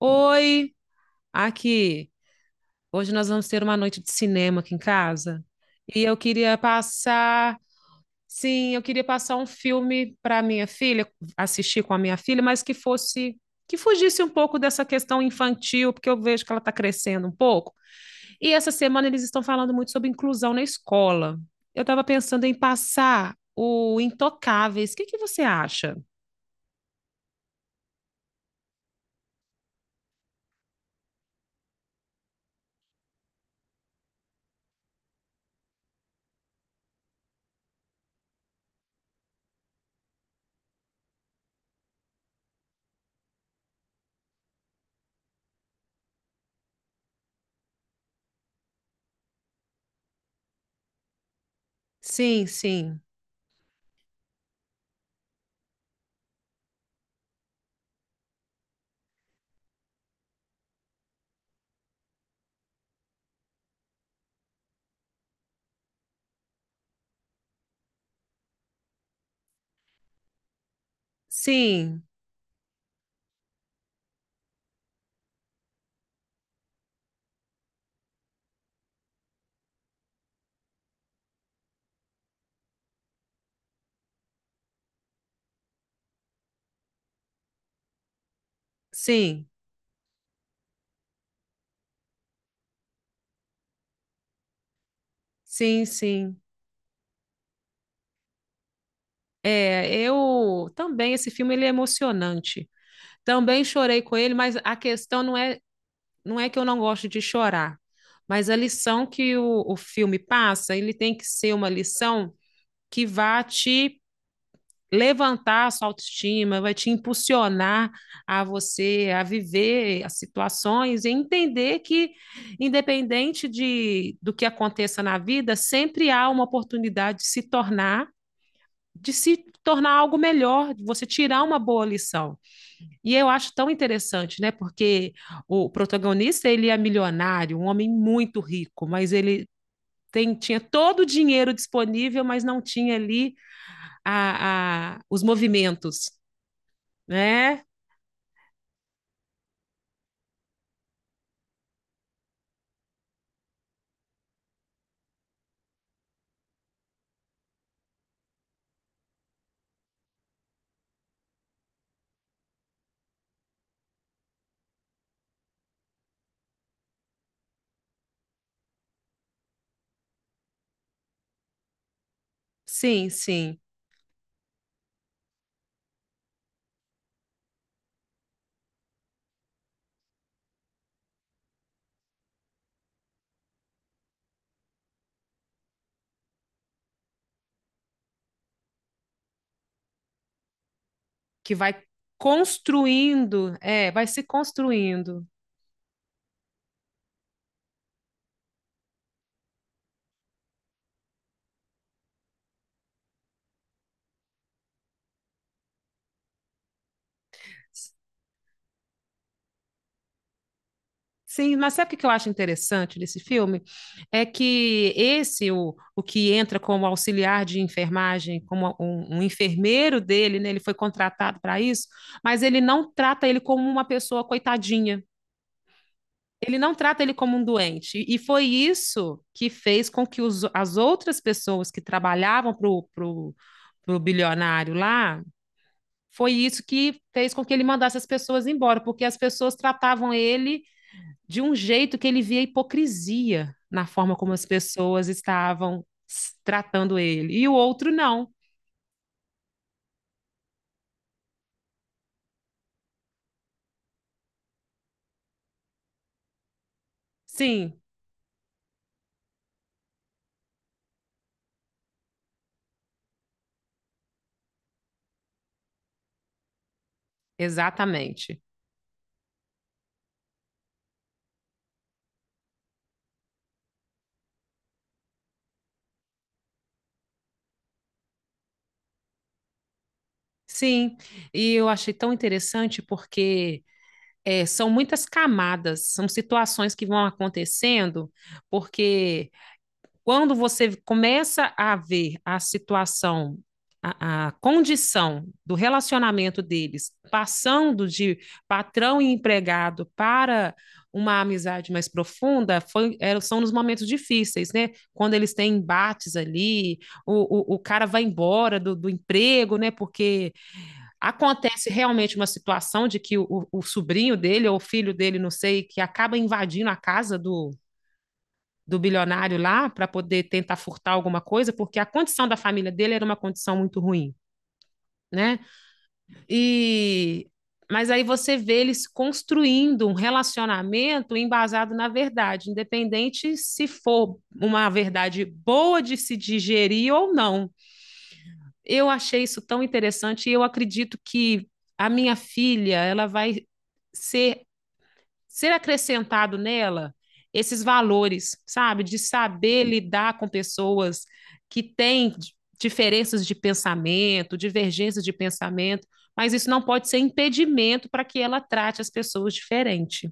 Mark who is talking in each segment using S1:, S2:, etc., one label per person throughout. S1: Oi, aqui. Hoje nós vamos ter uma noite de cinema aqui em casa. E eu queria passar um filme para minha filha, assistir com a minha filha, mas que fugisse um pouco dessa questão infantil, porque eu vejo que ela está crescendo um pouco. E essa semana eles estão falando muito sobre inclusão na escola. Eu estava pensando em passar o Intocáveis. O que que você acha? Sim, sim. Sim, sim. Sim, sim. É, eu também, esse filme ele é emocionante. Também chorei com ele, mas a questão não é que eu não gosto de chorar, mas a lição que o filme passa, ele tem que ser uma lição que vá te levantar a sua autoestima, vai te impulsionar a você a viver as situações e entender que, independente do que aconteça na vida, sempre há uma oportunidade de se tornar algo melhor, de você tirar uma boa lição. E eu acho tão interessante, né? Porque o protagonista, ele é milionário, um homem muito rico, mas ele tinha todo o dinheiro disponível, mas não tinha ali os movimentos, né? Sim, sim, que vai construindo, é, vai se construindo. Sim, mas sabe o que que eu acho interessante desse filme? É que esse, o que entra como auxiliar de enfermagem, como um enfermeiro dele, né? Ele foi contratado para isso, mas ele não trata ele como uma pessoa coitadinha. Ele não trata ele como um doente. E foi isso que fez com que os, as outras pessoas que trabalhavam pro bilionário lá, foi isso que fez com que ele mandasse as pessoas embora, porque as pessoas tratavam ele de um jeito que ele via hipocrisia na forma como as pessoas estavam tratando ele. E o outro não. Sim, exatamente. Sim, e eu achei tão interessante porque é, são muitas camadas, são situações que vão acontecendo, porque quando você começa a ver a situação, a condição do relacionamento deles passando de patrão e empregado para uma amizade mais profunda foi, é, são nos momentos difíceis, né? Quando eles têm embates ali, o cara vai embora do emprego, né? Porque acontece realmente uma situação de que o sobrinho dele ou o filho dele, não sei, que acaba invadindo a casa do, do bilionário lá para poder tentar furtar alguma coisa, porque a condição da família dele era uma condição muito ruim, né? E mas aí você vê eles construindo um relacionamento embasado na verdade, independente se for uma verdade boa de se digerir ou não. Eu achei isso tão interessante e eu acredito que a minha filha, ela vai ser ser acrescentado nela esses valores, sabe? De saber lidar com pessoas que têm diferenças de pensamento, divergências de pensamento, mas isso não pode ser impedimento para que ela trate as pessoas diferente.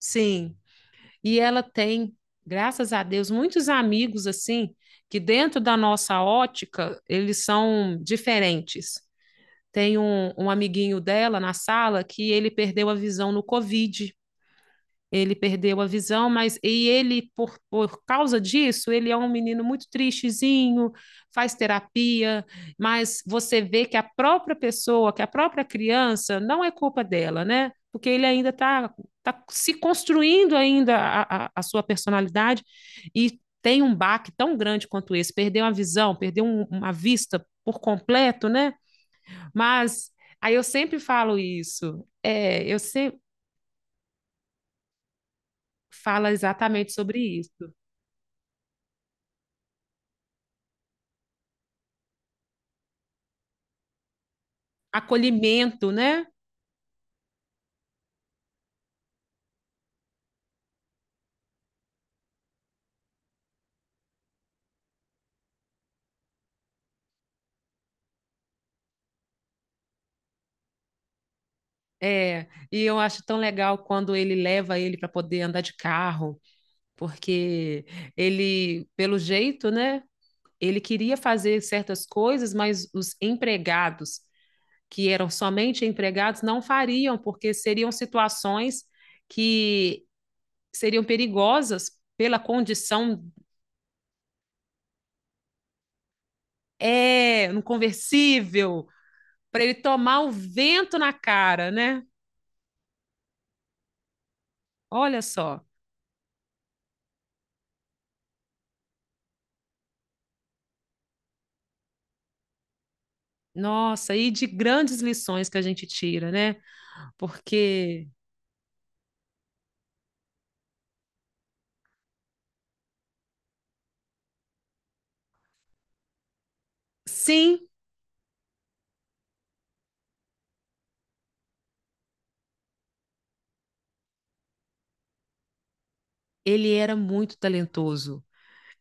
S1: Sim, e ela tem, graças a Deus, muitos amigos assim que dentro da nossa ótica eles são diferentes. Tem um amiguinho dela na sala que ele perdeu a visão no Covid. Ele perdeu a visão, mas e ele, por causa disso, ele é um menino muito tristezinho, faz terapia, mas você vê que a própria pessoa, que a própria criança, não é culpa dela, né? Porque ele ainda está tá se construindo ainda a sua personalidade e tem um baque tão grande quanto esse, perdeu a visão, perdeu uma vista por completo, né? Mas aí eu sempre falo isso, é, eu sempre falo exatamente sobre isso. Acolhimento, né? É, e eu acho tão legal quando ele leva ele para poder andar de carro, porque ele, pelo jeito, né? Ele queria fazer certas coisas, mas os empregados, que eram somente empregados, não fariam, porque seriam situações que seriam perigosas pela condição é no conversível para ele tomar o vento na cara, né? Olha só. Nossa, e de grandes lições que a gente tira, né? Porque sim, ele era muito talentoso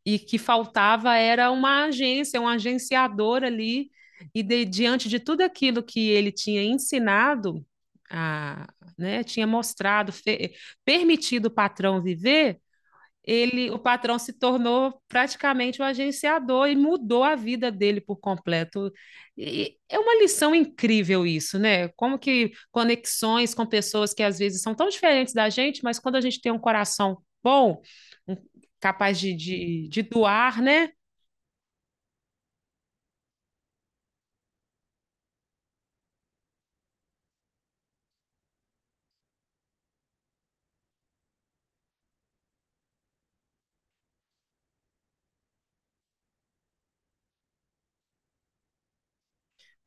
S1: e que faltava era uma agência, um agenciador ali. E diante de tudo aquilo que ele tinha ensinado, a, né, tinha mostrado, fe, permitido o patrão viver, ele, o patrão se tornou praticamente o um agenciador e mudou a vida dele por completo. E é uma lição incrível isso, né? Como que conexões com pessoas que às vezes são tão diferentes da gente, mas quando a gente tem um coração bom, um, capaz de doar, né?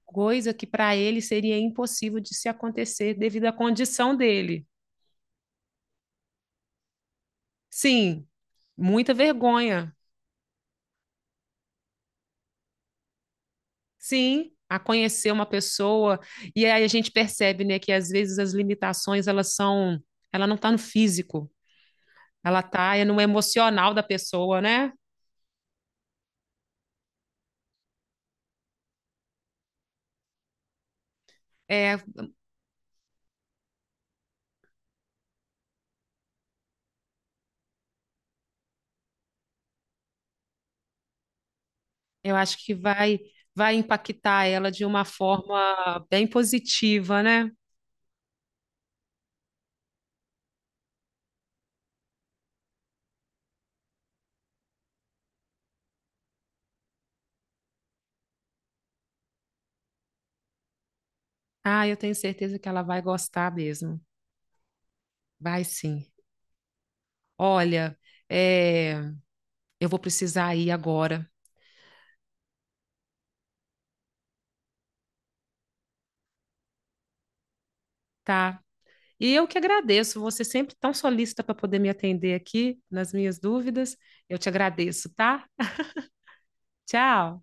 S1: Coisa que para ele seria impossível de se acontecer devido à condição dele. Sim, muita vergonha, sim, a conhecer uma pessoa. E aí a gente percebe, né, que às vezes as limitações, elas são, ela não está no físico, ela está no emocional da pessoa, né? É, eu acho que vai impactar ela de uma forma bem positiva, né? Ah, eu tenho certeza que ela vai gostar mesmo. Vai sim. Olha, é, eu vou precisar ir agora, tá? E eu que agradeço, você sempre tão solícita para poder me atender aqui nas minhas dúvidas. Eu te agradeço, tá? Tchau.